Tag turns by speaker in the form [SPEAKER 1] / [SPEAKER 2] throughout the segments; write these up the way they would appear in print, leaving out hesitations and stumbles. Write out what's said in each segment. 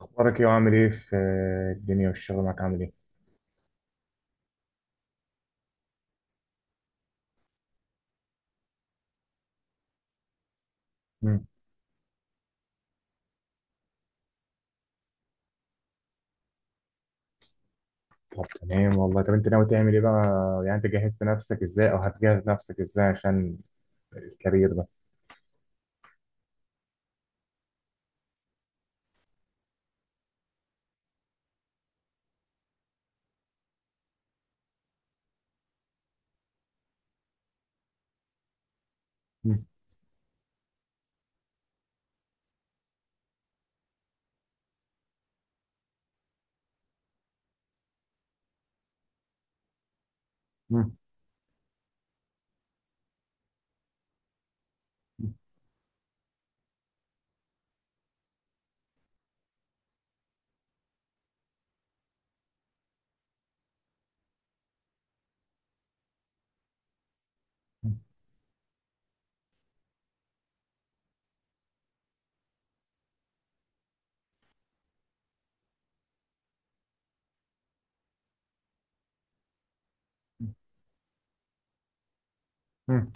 [SPEAKER 1] اخبارك ايه وعامل ايه في الدنيا والشغل معاك عامل ايه؟ مم. طب تمام والله، طب انت ناوي تعمل ايه بقى؟ يعني انت جهزت نفسك ازاي او هتجهز نفسك ازاي عشان الكارير ده؟ مم. مم. مم.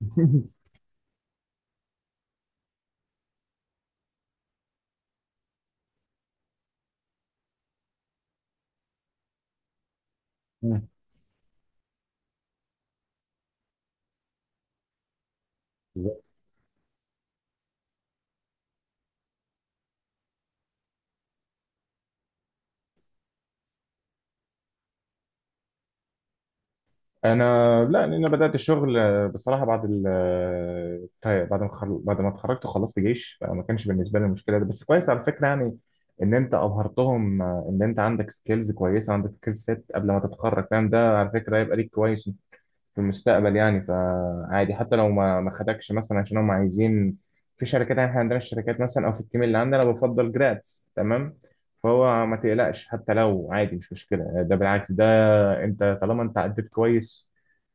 [SPEAKER 1] مم. انا، لا، لأن انا بدات الشغل بصراحه بعد ال آه، طيب، بعد ما خل... بعد ما اتخرجت وخلصت جيش، فما كانش بالنسبه لي المشكله ده، بس كويس على فكره، يعني ان انت ابهرتهم، ان انت عندك سكيلز كويسه، عندك سكيل سيت قبل ما تتخرج، فاهم؟ ده على فكره هيبقى ليك كويس في المستقبل، يعني فعادي حتى لو ما خدكش مثلا، عشان هم عايزين في شركات، يعني احنا عندنا الشركات مثلا او في التيم اللي عندنا أنا بفضل جراتس، تمام؟ فهو ما تقلقش، حتى لو عادي مش مشكله، ده بالعكس ده، انت طالما انت عديت كويس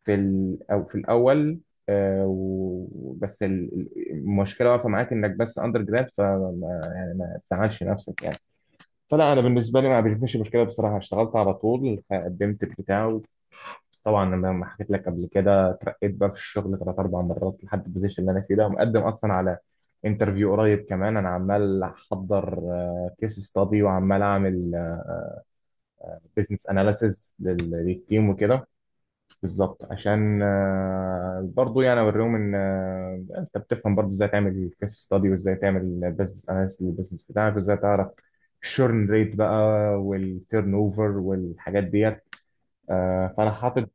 [SPEAKER 1] في ال او في الاول، المشكله واقفه معاك انك بس اندر جراد، فما، يعني ما تزعلش نفسك يعني. فلا، انا بالنسبه لي ما بيشوفش مشكله بصراحه، اشتغلت على طول قدمت البتاع، طبعا انا ما حكيت لك قبل كده، اترقيت بقى في الشغل ثلاث اربع مرات لحد البوزيشن اللي انا فيه ده، ومقدم اصلا على انترفيو قريب كمان، انا عمال احضر كيس ستادي وعمال اعمل بزنس اناليسز للتيم وكده، بالظبط عشان برضو، يعني اوريهم ان انت بتفهم برضو ازاي تعمل كيس ستادي وازاي تعمل بزنس اناليسز للبزنس بتاعك، وازاي تعرف الشورن ريت بقى والتيرن اوفر والحاجات ديت. فانا حاطط،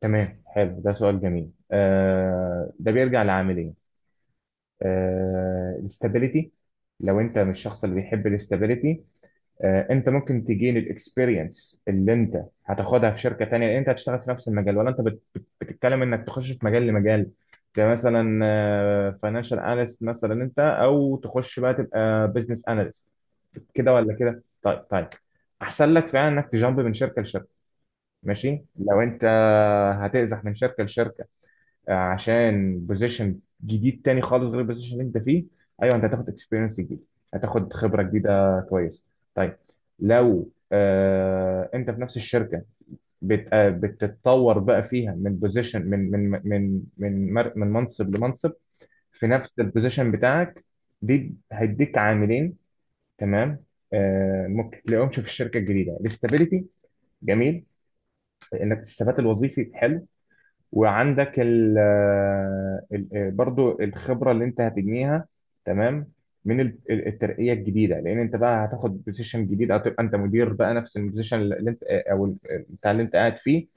[SPEAKER 1] تمام؟ حلو، ده سؤال جميل. آه، ده بيرجع لعاملين. الاستابيليتي، لو انت مش الشخص اللي بيحب الاستابيليتي، انت ممكن تجين الاكسبيرينس اللي انت هتاخدها في شركه تانية، لان انت هتشتغل في نفس المجال، ولا انت بت بتتكلم انك تخش في مجال لمجال، كمثلا فاينانشال اناليست مثلا انت، او تخش بقى تبقى بزنس اناليست، كده ولا كده؟ طيب، طيب، احسن لك فعلا انك تجامب من شركه لشركه، ماشي؟ لو انت هتأزح من شركه لشركه عشان بوزيشن جديد تاني خالص غير البوزيشن اللي انت فيه، ايوه، انت هتاخد اكسبيرينس جديد، هتاخد خبره جديده كويسه. طيب، لو انت في نفس الشركه، بت آه بتتطور بقى فيها من بوزيشن، من منصب لمنصب في نفس البوزيشن بتاعك، دي هيديك عاملين، تمام؟ آه، ممكن تلاقيهمش في الشركه الجديده الاستابيليتي، جميل، انك الثبات الوظيفي حلو، وعندك برضو الخبرة اللي انت هتجنيها، تمام؟ من الترقية الجديدة، لان انت بقى هتاخد بوزيشن جديد، او تبقى انت مدير بقى نفس البوزيشن اللي انت آه، او ال- آه، بتاع اللي انت قاعد فيه،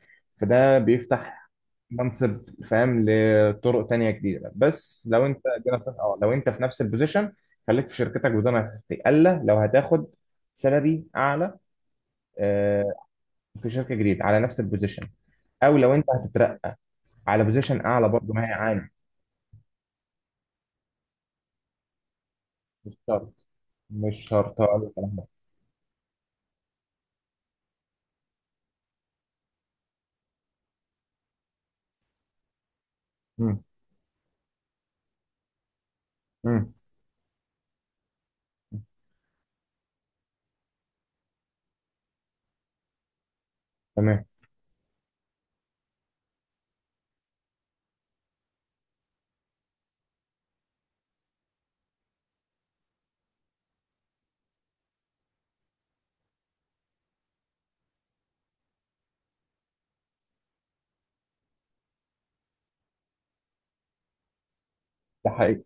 [SPEAKER 1] فده بيفتح منصب، فاهم؟ لطرق تانية جديدة. بس لو انت، دي نصيحة، اه لو انت في نفس البوزيشن خليك في شركتك، وده ما الا لو هتاخد سالري اعلى، آه، في شركة جديدة على نفس البوزيشن، او لو انت هتترقى على بوزيشن اعلى برضه ما هي عاني. مش شرط، مش شرط اقول الكلام ده، امم امم تمام. ده حقيقي،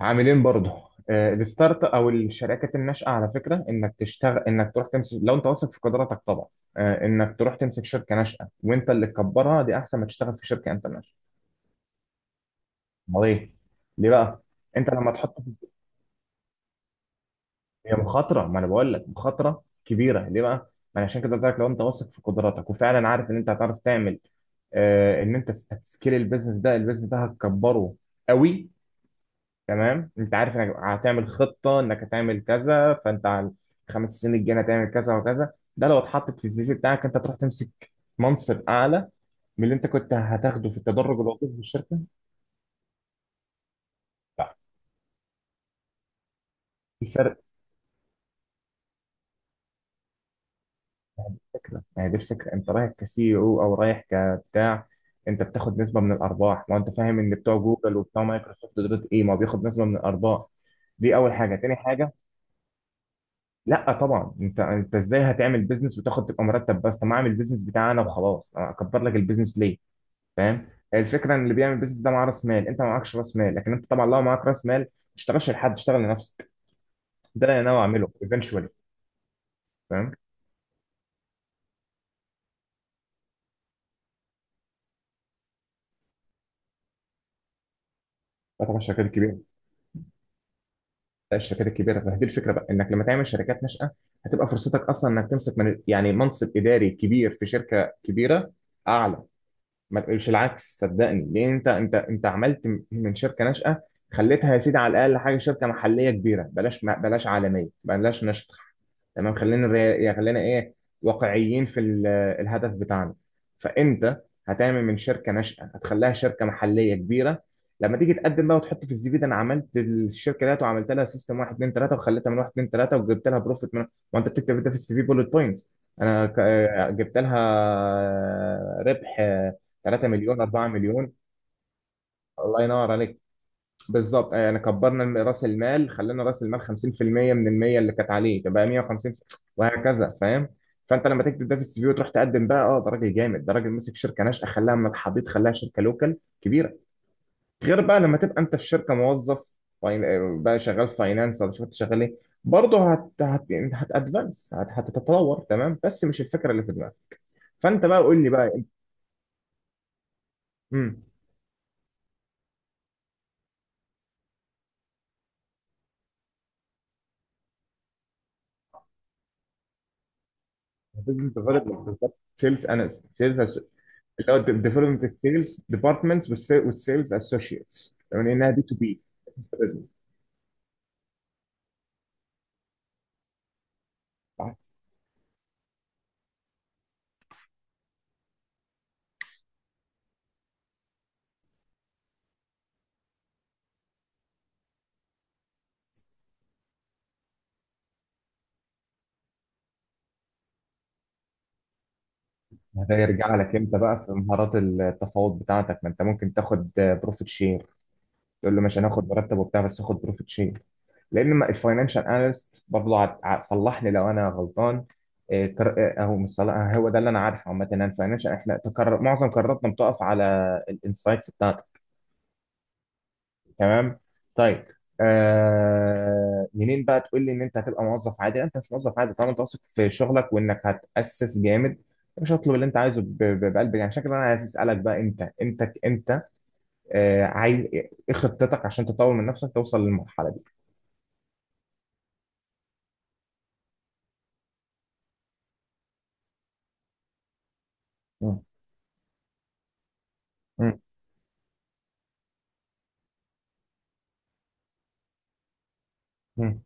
[SPEAKER 1] عاملين برضه، الستارت او الشركات الناشئه، على فكره انك تشتغل، انك تروح تمسك، لو انت واثق في قدراتك طبعا، انك تروح تمسك شركه ناشئه وانت اللي تكبرها، دي احسن ما تشتغل في شركه انت ناشئه، امال ايه؟ ليه بقى؟ انت لما تحط، هي مخاطرة، ما انا بقول لك مخاطرة كبيرة ليه بقى؟ ما انا عشان كده قلت لك، لو انت واثق في قدراتك، وفعلا عارف ان انت هتعرف تعمل، آه، ان انت هتسكيل البيزنس ده، البيزنس ده هتكبره قوي، تمام؟ انت عارف انك هتعمل خطة، انك هتعمل كذا، فانت على الخمس سنين الجاية هتعمل كذا وكذا، ده لو اتحطت في السي في بتاعك، انت تروح تمسك منصب اعلى من اللي انت كنت هتاخده في التدرج الوظيفي في الشركة. لا، الفرق، الفكرة يعني، دي الفكرة، انت رايح كسي، او رايح كبتاع، انت بتاخد نسبة من الارباح، ما انت فاهم ان بتوع جوجل وبتوع مايكروسوفت دول، ايه ما بياخد نسبة من الارباح، دي اول حاجة. تاني حاجة، لا طبعا، انت ازاي هتعمل بيزنس وتاخد، تبقى مرتب بس؟ طب ما اعمل بيزنس بتاعي انا وخلاص، انا اكبر لك البيزنس ليه؟ فاهم؟ الفكرة ان اللي بيعمل بيزنس ده معاه راس مال، انت ما معكش راس مال، لكن انت طبعا لو معاك راس مال ما تشتغلش لحد، اشتغل لنفسك، ده اللي انا ناوي اعمله ايفينشولي. فاهم؟ ده طبعا شركات كبيرة، لا الشركات الكبيره، فدي الفكره بقى، انك لما تعمل شركات ناشئه هتبقى فرصتك اصلا انك تمسك من، يعني منصب اداري كبير في شركه كبيره اعلى، ما تقولش العكس صدقني، لان انت عملت من شركه ناشئه، خليتها يا سيدي على الاقل حاجه شركه محليه كبيره، بلاش، بلاش عالميه، بلاش ناشئه، تمام؟ يعني خلينا ايه، واقعيين في الهدف بتاعنا، فانت هتعمل من شركه ناشئه هتخليها شركه محليه كبيره، لما تيجي تقدم بقى وتحط في السي في، ده انا عملت الشركه ديت وعملت لها سيستم 1 2 3 وخليتها من 1 2 3 وجبت لها بروفيت من، وانت بتكتب ده في السي في بولت بوينتس، انا جبت لها ربح 3 مليون 4 مليون، الله ينور عليك، بالظبط. يعني كبرنا راس المال، خلينا راس المال 50% من ال 100 اللي كانت عليه تبقى 150، وهكذا، فاهم؟ فانت لما تكتب ده في السي في وتروح تقدم بقى، اه ده راجل جامد، ده راجل مسك شركه ناشئه خلاها من الحضيض، خلاها شركه لوكال كبيره، غير بقى لما تبقى انت في شركه موظف، بقى شغال فاينانس ولا شوف انت شغال ايه، برضه هتتطور، تمام؟ بس مش الفكره اللي في دماغك، فانت بقى قول لي بقى. امم بزنس ديفلوبمنت بالظبط، سيلز اناليست، سيلز، اللي هو ديفلوبمنت السيلز ديبارتمنتس والسيلز اسوشيتس، يعني انها بي تو بي، بتاعت. ده يرجع لك انت بقى في مهارات التفاوض بتاعتك، ما انت ممكن تاخد بروفيت شير، تقول له مش هناخد مرتب وبتاع، بس خد بروفيت شير، لان ما الفاينانشال اناليست برضه، صلحني لو انا غلطان، اهو مش صلاح، هو ده اللي انا عارفه عامه، ان الفاينانشال احنا تكرر معظم قراراتنا بتقف على الانسايتس، تمام؟ طيب، آه منين بقى تقول لي ان انت هتبقى موظف عادي؟ لا، انت مش موظف عادي طالما انت واثق في شغلك، وانك هتاسس جامد، مش هطلب اللي انت عايزه بقلب، يعني عشان كده انا عايز اسالك بقى، انت انت انت آه عايز ايه؟ إيه خطتك عشان تطور من نفسك توصل للمرحله دي؟ مم. مم. مم.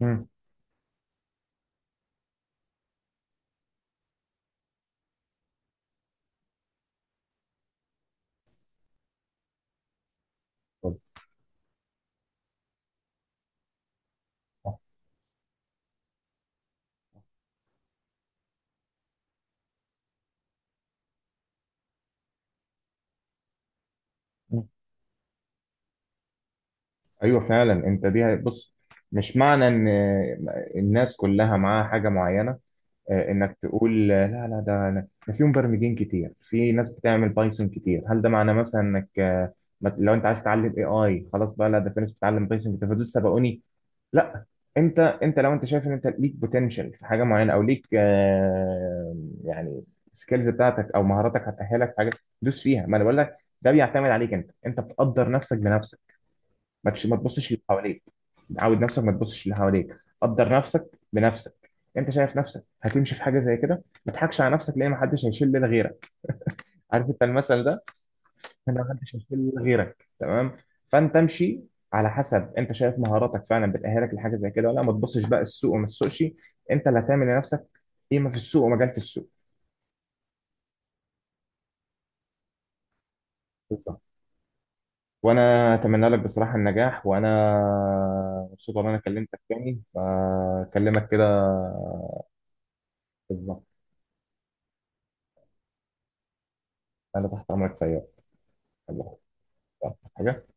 [SPEAKER 1] مم. طب. مم. ايوه فعلا، انت، دي بص، مش معنى ان الناس كلها معاها حاجه معينه، انك تقول، لا لا، ده في مبرمجين كتير، في ناس بتعمل بايثون كتير، هل ده معناه مثلا انك، لو انت عايز تتعلم اي اي، خلاص بقى، لا ده في ناس بتتعلم بايثون كتير فدول سبقوني، لا، انت لو انت شايف ان انت ليك بوتنشال في حاجه معينه، او ليك يعني سكيلز بتاعتك او مهاراتك هتاهلك في حاجه، دوس فيها، ما انا بقول لك ده بيعتمد عليك انت، انت بتقدر نفسك بنفسك، ما تبصش اللي حواليك، عود نفسك ما تبصش اللي حواليك، قدر نفسك بنفسك، انت شايف نفسك هتمشي في حاجه زي كده ما تضحكش على نفسك، لان ما حدش هيشيل ليلة غيرك، عارف انت المثل ده؟ انا، ما حدش هيشيل ليلة غيرك، تمام؟ فانت امشي على حسب انت شايف مهاراتك فعلا بتأهلك لحاجه زي كده ولا لا. ما تبصش بقى السوق، وما تسوقش، انت اللي هتعمل لنفسك قيمه في السوق ومجال في السوق، بالظبط. وانا اتمنى لك بصراحه النجاح، وانا مبسوط ان انا كلمتك تاني فاكلمك كده، بالظبط. انا تحت امرك في اي وقت. الله، حاجه.